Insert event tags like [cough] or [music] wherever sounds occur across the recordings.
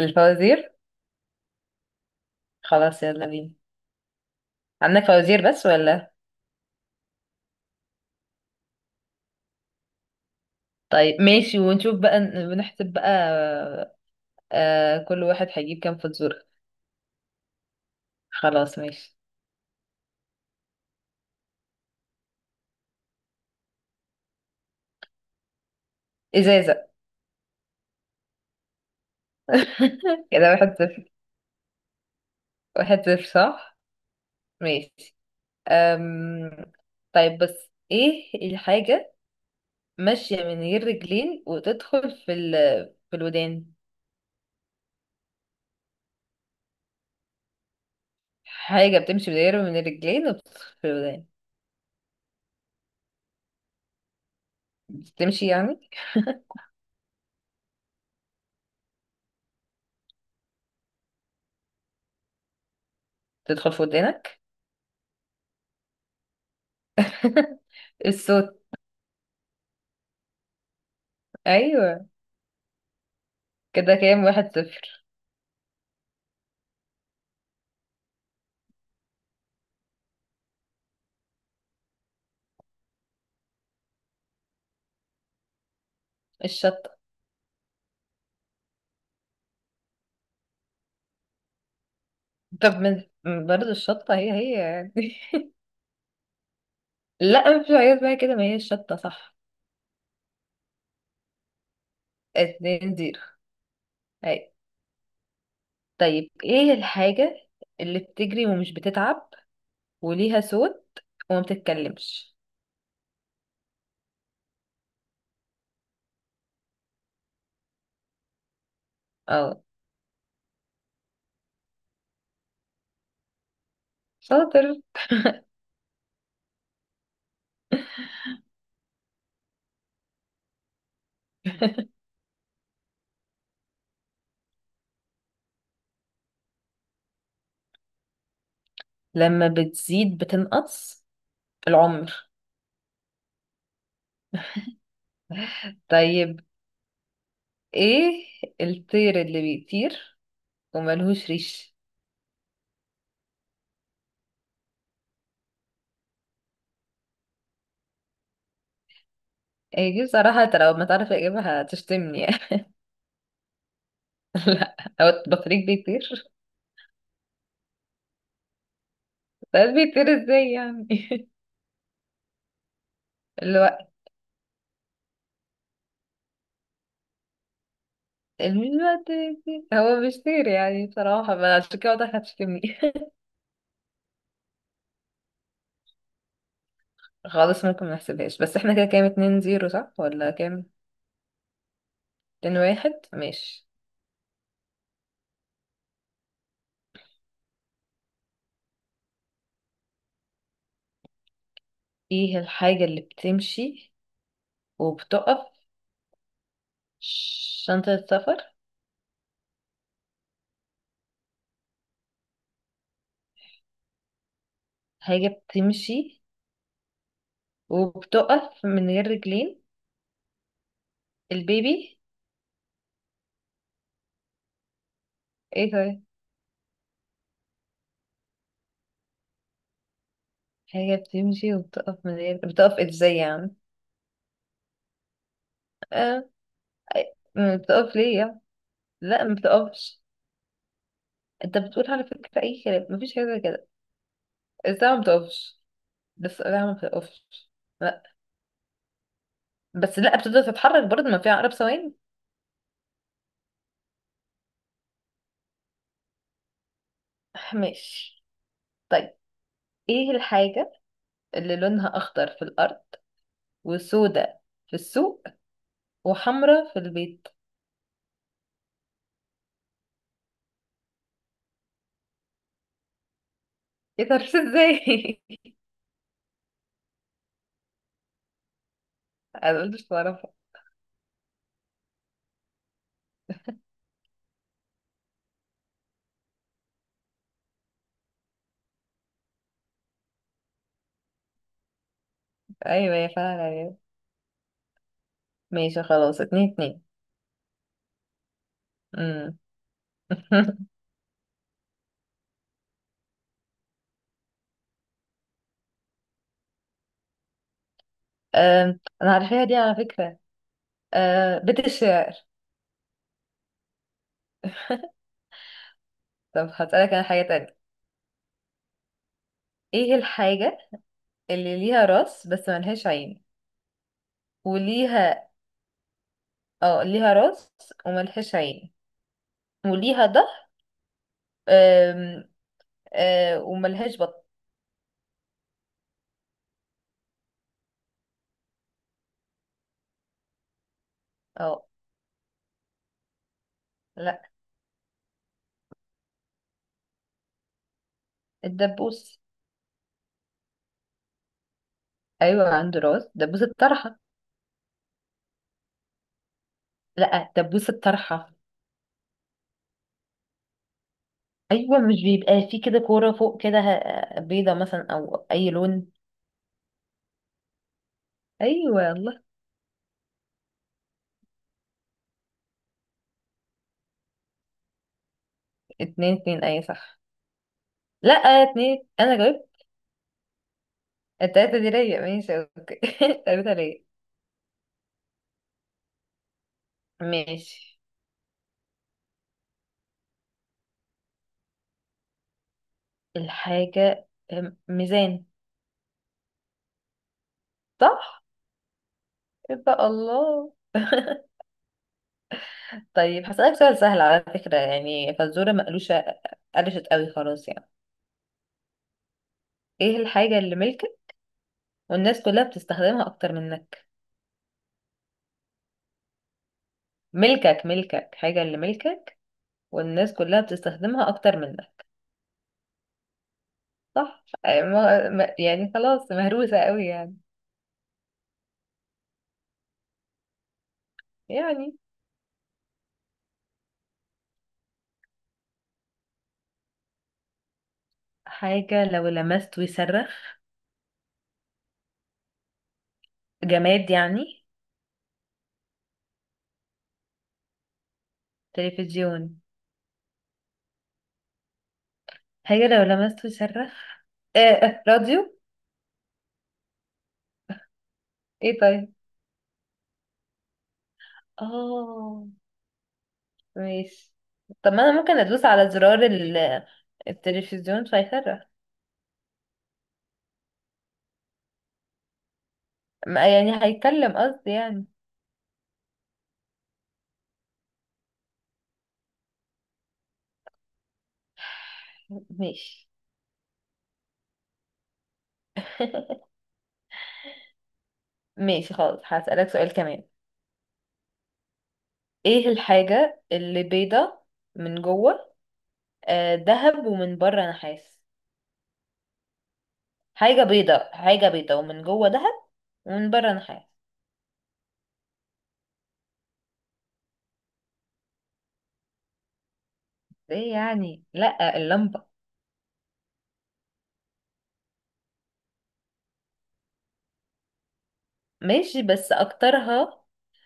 الفوازير. خلاص يلا بينا. عندك فوازير بس ولا؟ طيب ماشي، ونشوف بقى، بنحسب بقى. آه، كل واحد هيجيب كام فزورة؟ خلاص ماشي. إزازة. [laughs] كده 1-0. واحد صفر صح. ماشي. أم... طيب، بس ايه الحاجة ماشية من غير رجلين وتدخل في في الودان؟ حاجة بتمشي من غير الرجلين وبتدخل في الودان. بتمشي يعني تدخل في ودانك. [laughs] الصوت. ايوه كده كام؟ 1-0. الشطة. طب من، برضه الشطة هي هي يعني. [laughs] لا مش عايز بقى كده، ما هي الشطة صح. 2-0. هاي. طيب ايه الحاجة اللي بتجري ومش بتتعب وليها صوت وما بتتكلمش؟ اه. شاطر. [laughs] لما بتزيد بتنقص، العمر. طيب، ايه الطير اللي بيطير وملهوش ريش؟ ايه دي بصراحة، انت لو ما تعرف اجيبها هتشتمني [laughs] يعني لا. هو البطريق بيطير؟ ساعات بيطير ازاي يعني؟ [laughs] الوقت. الوقت، هو مش طير يعني، بصراحة، ما عشان كده واضح هتشتمني [laughs] خالص ممكن ما نحسبهاش، بس احنا كده كام؟ 2-0 صح ولا كام؟ 2-1 ماشي. ايه الحاجة اللي بتمشي وبتقف؟ شنطة السفر. حاجة بتمشي وبتقف من غير رجلين. البيبي. ايه طيب؟ حاجة بتمشي وبتقف من غير، بتقف ازاي يعني؟ اه، ما بتقف ليه يعني. لا ما بتقفش. انت بتقول على فكرة اي كلام، مفيش حاجة زي كده. الساعة ما بتقفش. بس لا ما بتقفش. لا. بس لا، بتبدأ تتحرك برضه، ما فيها عقرب ثواني. [laughs] ماشي. طيب، ايه الحاجة اللي لونها اخضر في الارض وسودة في السوق وحمرة في البيت؟ ايه ده عرفت ازاي؟ [laughs] انا قلت مش بعرفها. ايوه يا، فعلا يا. ماشي خلاص 2-2. امم [laughs] انا عارفاها دي على فكرة. أه، بيت الشعر. [laughs] طب هسألك انا حاجة تانية. ايه الحاجة اللي ليها راس بس ملهاش عين وليها... اه، ليها راس وملهاش عين وليها ظهر، آم، آه، وملهاش بطن. اه. لا. الدبوس. ايوه، عنده راس، دبوس الطرحه. لا، دبوس الطرحه. ايوه، مش بيبقى فيه كده كوره فوق كده بيضه مثلا او اي لون. ايوه الله. 2-2 اي صح. لا اتنين، انا جاوبت. التلاته دي ليا ماشي اوكي. [laughs] التلاته ليا. ماشي. الحاجه ميزان. صح. يبقى الله. [laughs] طيب هسألك سؤال سهل على فكرة يعني، فالزورة مقلوشة قلشت قوي خلاص يعني. ايه الحاجة اللي ملكك والناس كلها بتستخدمها أكتر منك؟ ملكك، ملكك، حاجة اللي ملكك، والناس كلها بتستخدمها أكتر منك. صح. يعني خلاص مهروسة قوي يعني. يعني. حاجة لو لمست ويصرخ، جماد يعني. تلفزيون. حاجة لو لمست ويصرخ. راديو. ايه طيب؟ اه، ماشي. طب ما انا ممكن ادوس على زرار التلفزيون فيفرق. يعني هيتكلم قصدي يعني. ماشي. [laughs] ماشي خالص، هسألك سؤال كمان. ايه الحاجة اللي بيضة من جوه دهب ومن بره نحاس؟ حاجة بيضة، حاجة بيضة ومن جوه دهب ومن بره نحاس. ايه يعني؟ لا، اللمبة. ماشي بس اكترها.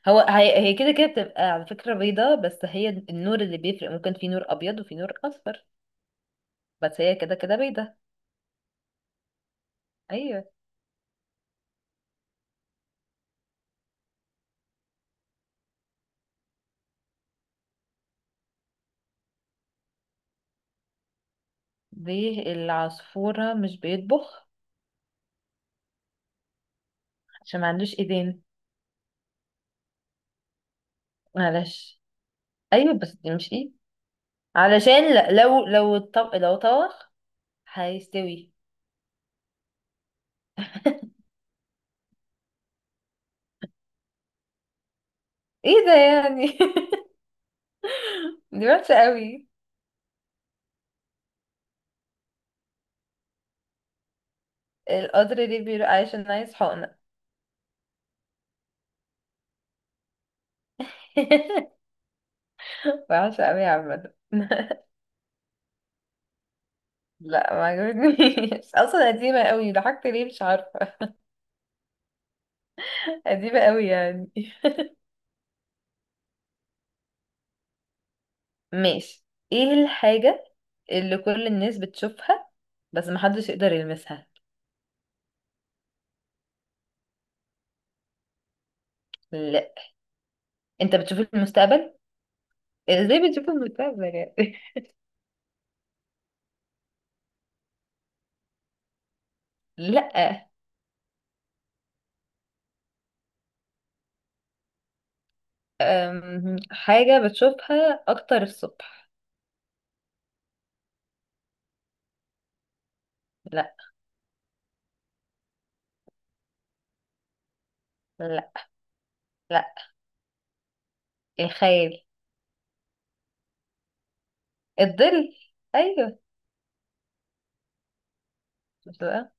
هو هي هي كده كده بتبقى على فكرة بيضة، بس هي النور اللي بيفرق، ممكن في نور ابيض وفي نور اصفر. بس هي كده كده بيضة. ايوه. دي العصفورة مش بيطبخ عشان ما عندوش ايدين. معلش. ايوه بس دي مش ايد. علشان لو الطبق لو طبخ هيستوي. [laughs] ايه ده يعني؟ [laughs] دي وحشة قوي. القدر دي بيقول عشان عايز حقنة. [laughs] وحشة قوي عامة. [laughs] لا ما عجبتنيش اصلا، قديمة قوي. ضحكت ليه مش عارفة. قديمة قوي يعني. ماشي. ايه الحاجة اللي كل الناس بتشوفها بس محدش يقدر يلمسها؟ لا، انت بتشوف المستقبل؟ ازاي بتشوف المستقبل يعني؟ [laughs] لا. حاجة بتشوفها اكتر الصبح. لا. لا. لا. الخيال. الظل. ايوه. مش بقى.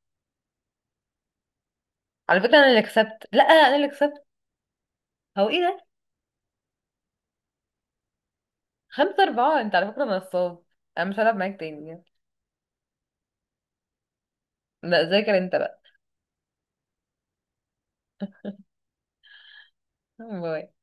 على فكرة انا اللي كسبت، لا انا اللي كسبت. هو ايه ده؟ 5-4، انت على فكرة نصاب. انا مش هلعب معاك تاني يعني. لا، ذاكر انت بقى. باي.